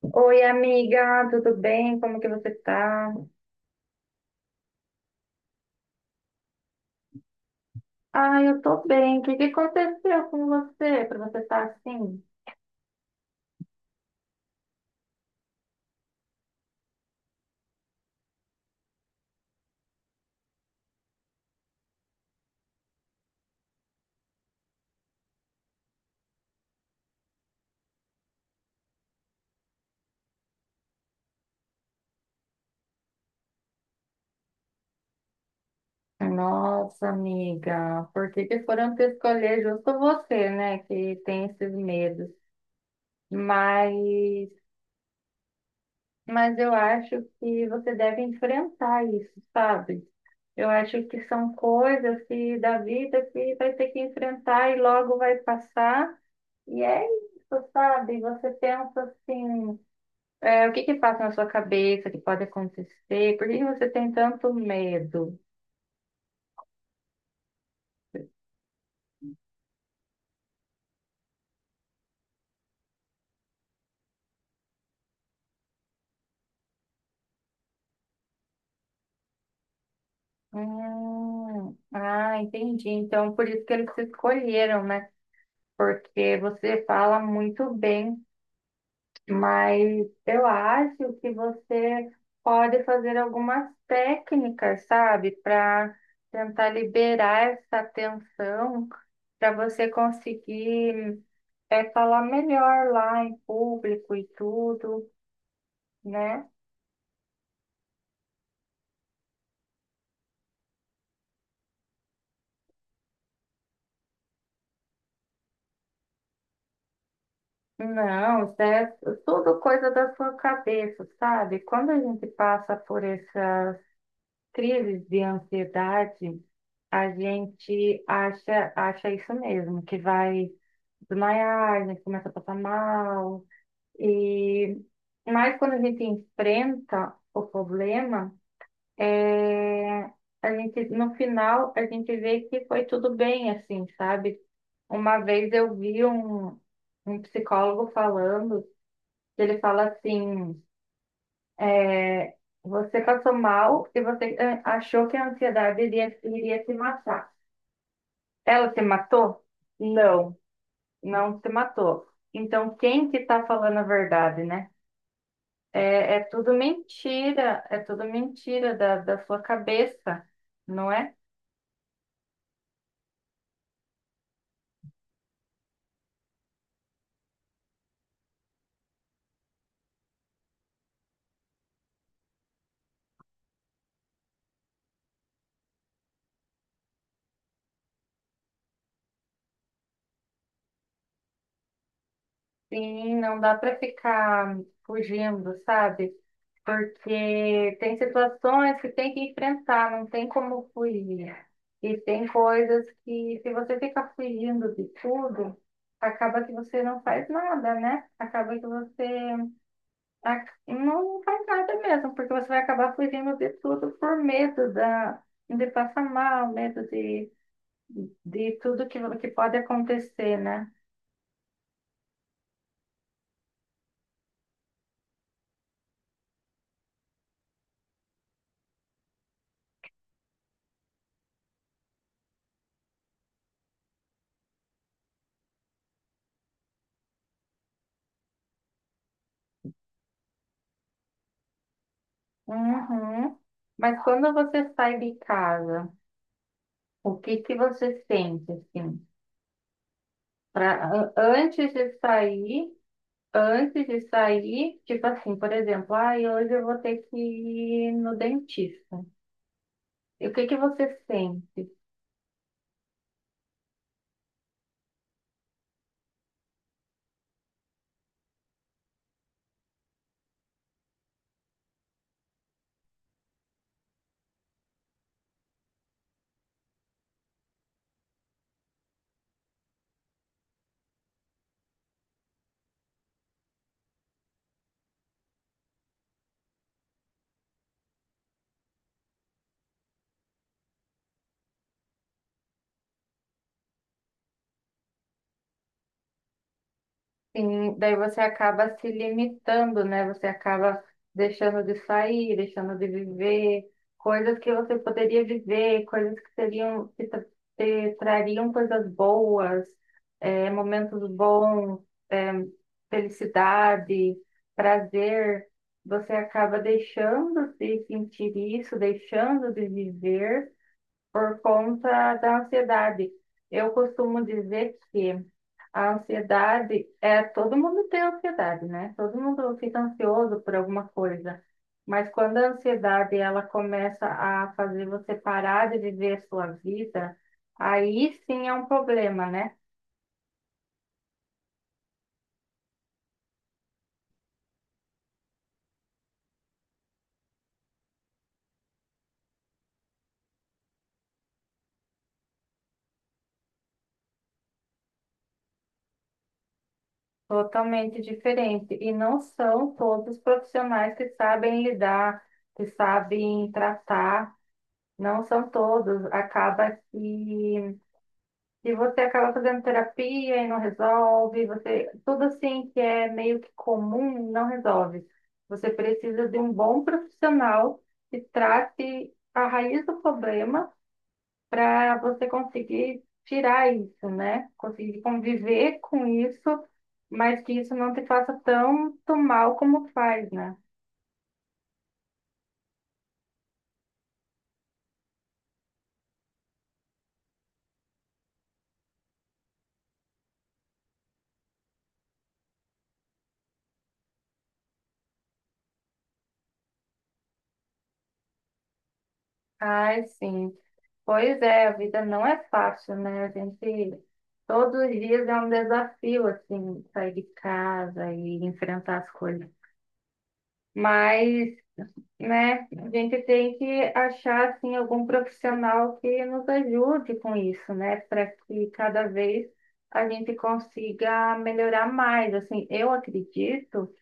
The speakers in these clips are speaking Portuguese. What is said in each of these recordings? Oi, amiga, tudo bem? Como que você tá? Ah, eu tô bem. O que que aconteceu com você para você estar assim? Nossa, amiga, por que que foram te escolher justo você, né, que tem esses medos? Mas, mas eu acho que você deve enfrentar isso, sabe? Eu acho que são coisas que, da vida que vai ter que enfrentar e logo vai passar. E é isso, sabe? Você pensa assim. É, o que que passa na sua cabeça que pode acontecer? Por que que você tem tanto medo? Ah, entendi. Então, por isso que eles te escolheram, né? Porque você fala muito bem, mas eu acho que você pode fazer algumas técnicas, sabe? Para tentar liberar essa tensão, para você conseguir. É falar melhor lá em público e tudo, né? Não, isso é tudo coisa da sua cabeça, sabe? Quando a gente passa por essa crise de ansiedade, a gente acha isso mesmo, que vai desmaiar, a gente começa a passar mal. E... Mas quando a gente enfrenta o problema, é... a gente, no final, a gente vê que foi tudo bem, assim, sabe? Uma vez eu vi um psicólogo falando, que ele fala assim, é você passou mal e você achou que a ansiedade iria se matar. Ela se matou? Não, não se matou. Então, quem que está falando a verdade, né? É, é tudo mentira da sua cabeça, não é? Sim, não dá para ficar fugindo, sabe? Porque tem situações que tem que enfrentar, não tem como fugir. E tem coisas que, se você ficar fugindo de tudo, acaba que você não faz nada, né? Acaba que você não faz nada mesmo, porque você vai acabar fugindo de tudo por medo da, de passar mal, medo de tudo que pode acontecer, né? Uhum. Mas quando você sai de casa, o que que você sente assim? Pra, an- antes de sair, antes de sair, tipo assim, por exemplo, ah, hoje eu vou ter que ir no dentista. E o que que você sente? Sim, daí você acaba se limitando, né? Você acaba deixando de sair, deixando de viver coisas que você poderia viver, coisas que seriam, te trariam coisas boas, momentos bons, eh, felicidade, prazer. Você acaba deixando de sentir isso, deixando de viver por conta da ansiedade. Eu costumo dizer que a ansiedade é todo mundo tem ansiedade, né? Todo mundo fica ansioso por alguma coisa. Mas quando a ansiedade ela começa a fazer você parar de viver a sua vida, aí sim é um problema, né? Totalmente diferente. E não são todos os profissionais que sabem lidar, que sabem tratar, não são todos. Acaba que E você acaba fazendo terapia e não resolve, você, tudo assim que é meio que comum não resolve. Você precisa de um bom profissional que trate a raiz do problema para você conseguir tirar isso, né? Conseguir conviver com isso, mas que isso não te faça tanto mal como faz, né? Ai, sim. Pois é, a vida não é fácil, né? A gente, todos os dias é um desafio, assim, sair de casa e enfrentar as coisas. Mas, né, a gente tem que achar, assim, algum profissional que nos ajude com isso, né? Para que cada vez a gente consiga melhorar mais. Assim, eu acredito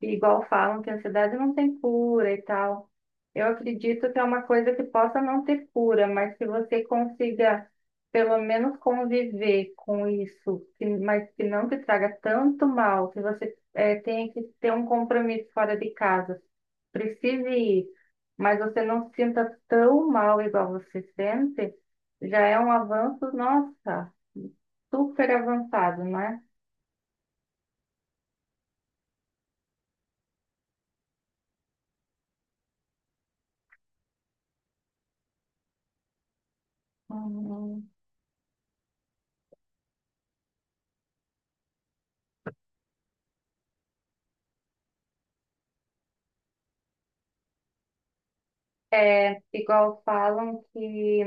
e igual falam que a ansiedade não tem cura e tal. Eu acredito que é uma coisa que possa não ter cura, mas que você consiga pelo menos conviver com isso, que- mas que não te traga tanto mal, que você tenha que ter um compromisso fora de casa, precise ir, mas você não se sinta tão mal igual você sente, já é um avanço, nossa, super avançado, não é? Uhum. É, igual falam que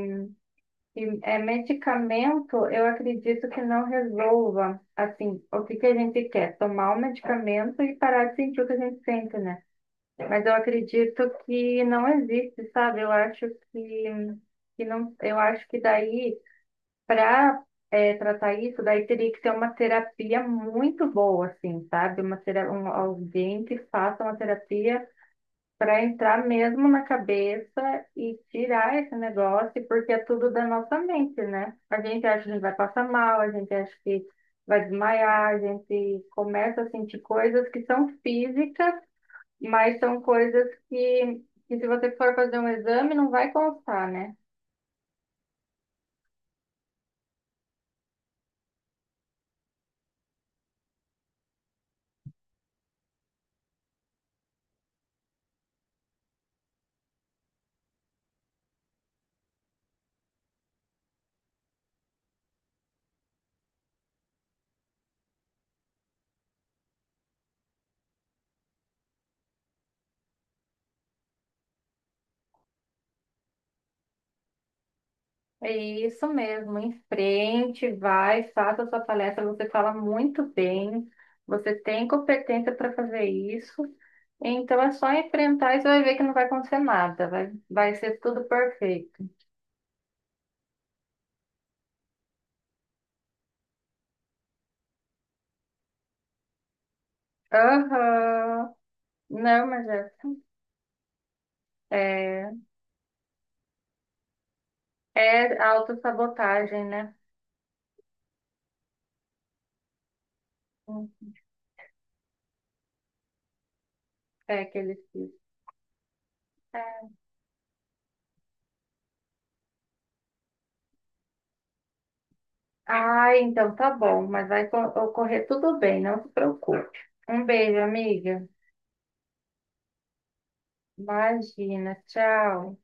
E, é, medicamento, eu acredito que não resolva, assim, o que que a gente quer, tomar o medicamento e parar de sentir o que a gente sente, né? Mas eu acredito que não existe, sabe? Eu acho que, que não, eu acho que daí, para tratar isso, daí teria que ter uma terapia muito boa, assim, sabe? Alguém que faça uma terapia para entrar mesmo na cabeça e tirar esse negócio, porque é tudo da nossa mente, né? A gente acha que vai passar mal, a gente acha que vai desmaiar, a gente começa a sentir coisas que são físicas, mas são coisas que se você for fazer um exame, não vai constar, né? É isso mesmo, em frente, vai, faça a sua palestra, você fala muito bem, você tem competência para fazer isso. Então é só enfrentar e você vai ver que não vai acontecer nada, vai, vai ser tudo perfeito. Aham. Não, mas é, é, é autossabotagem, né? É que eles dizem. Ah, então tá bom, mas ocorrer tudo bem, não se preocupe. Um beijo, amiga. Imagina, tchau.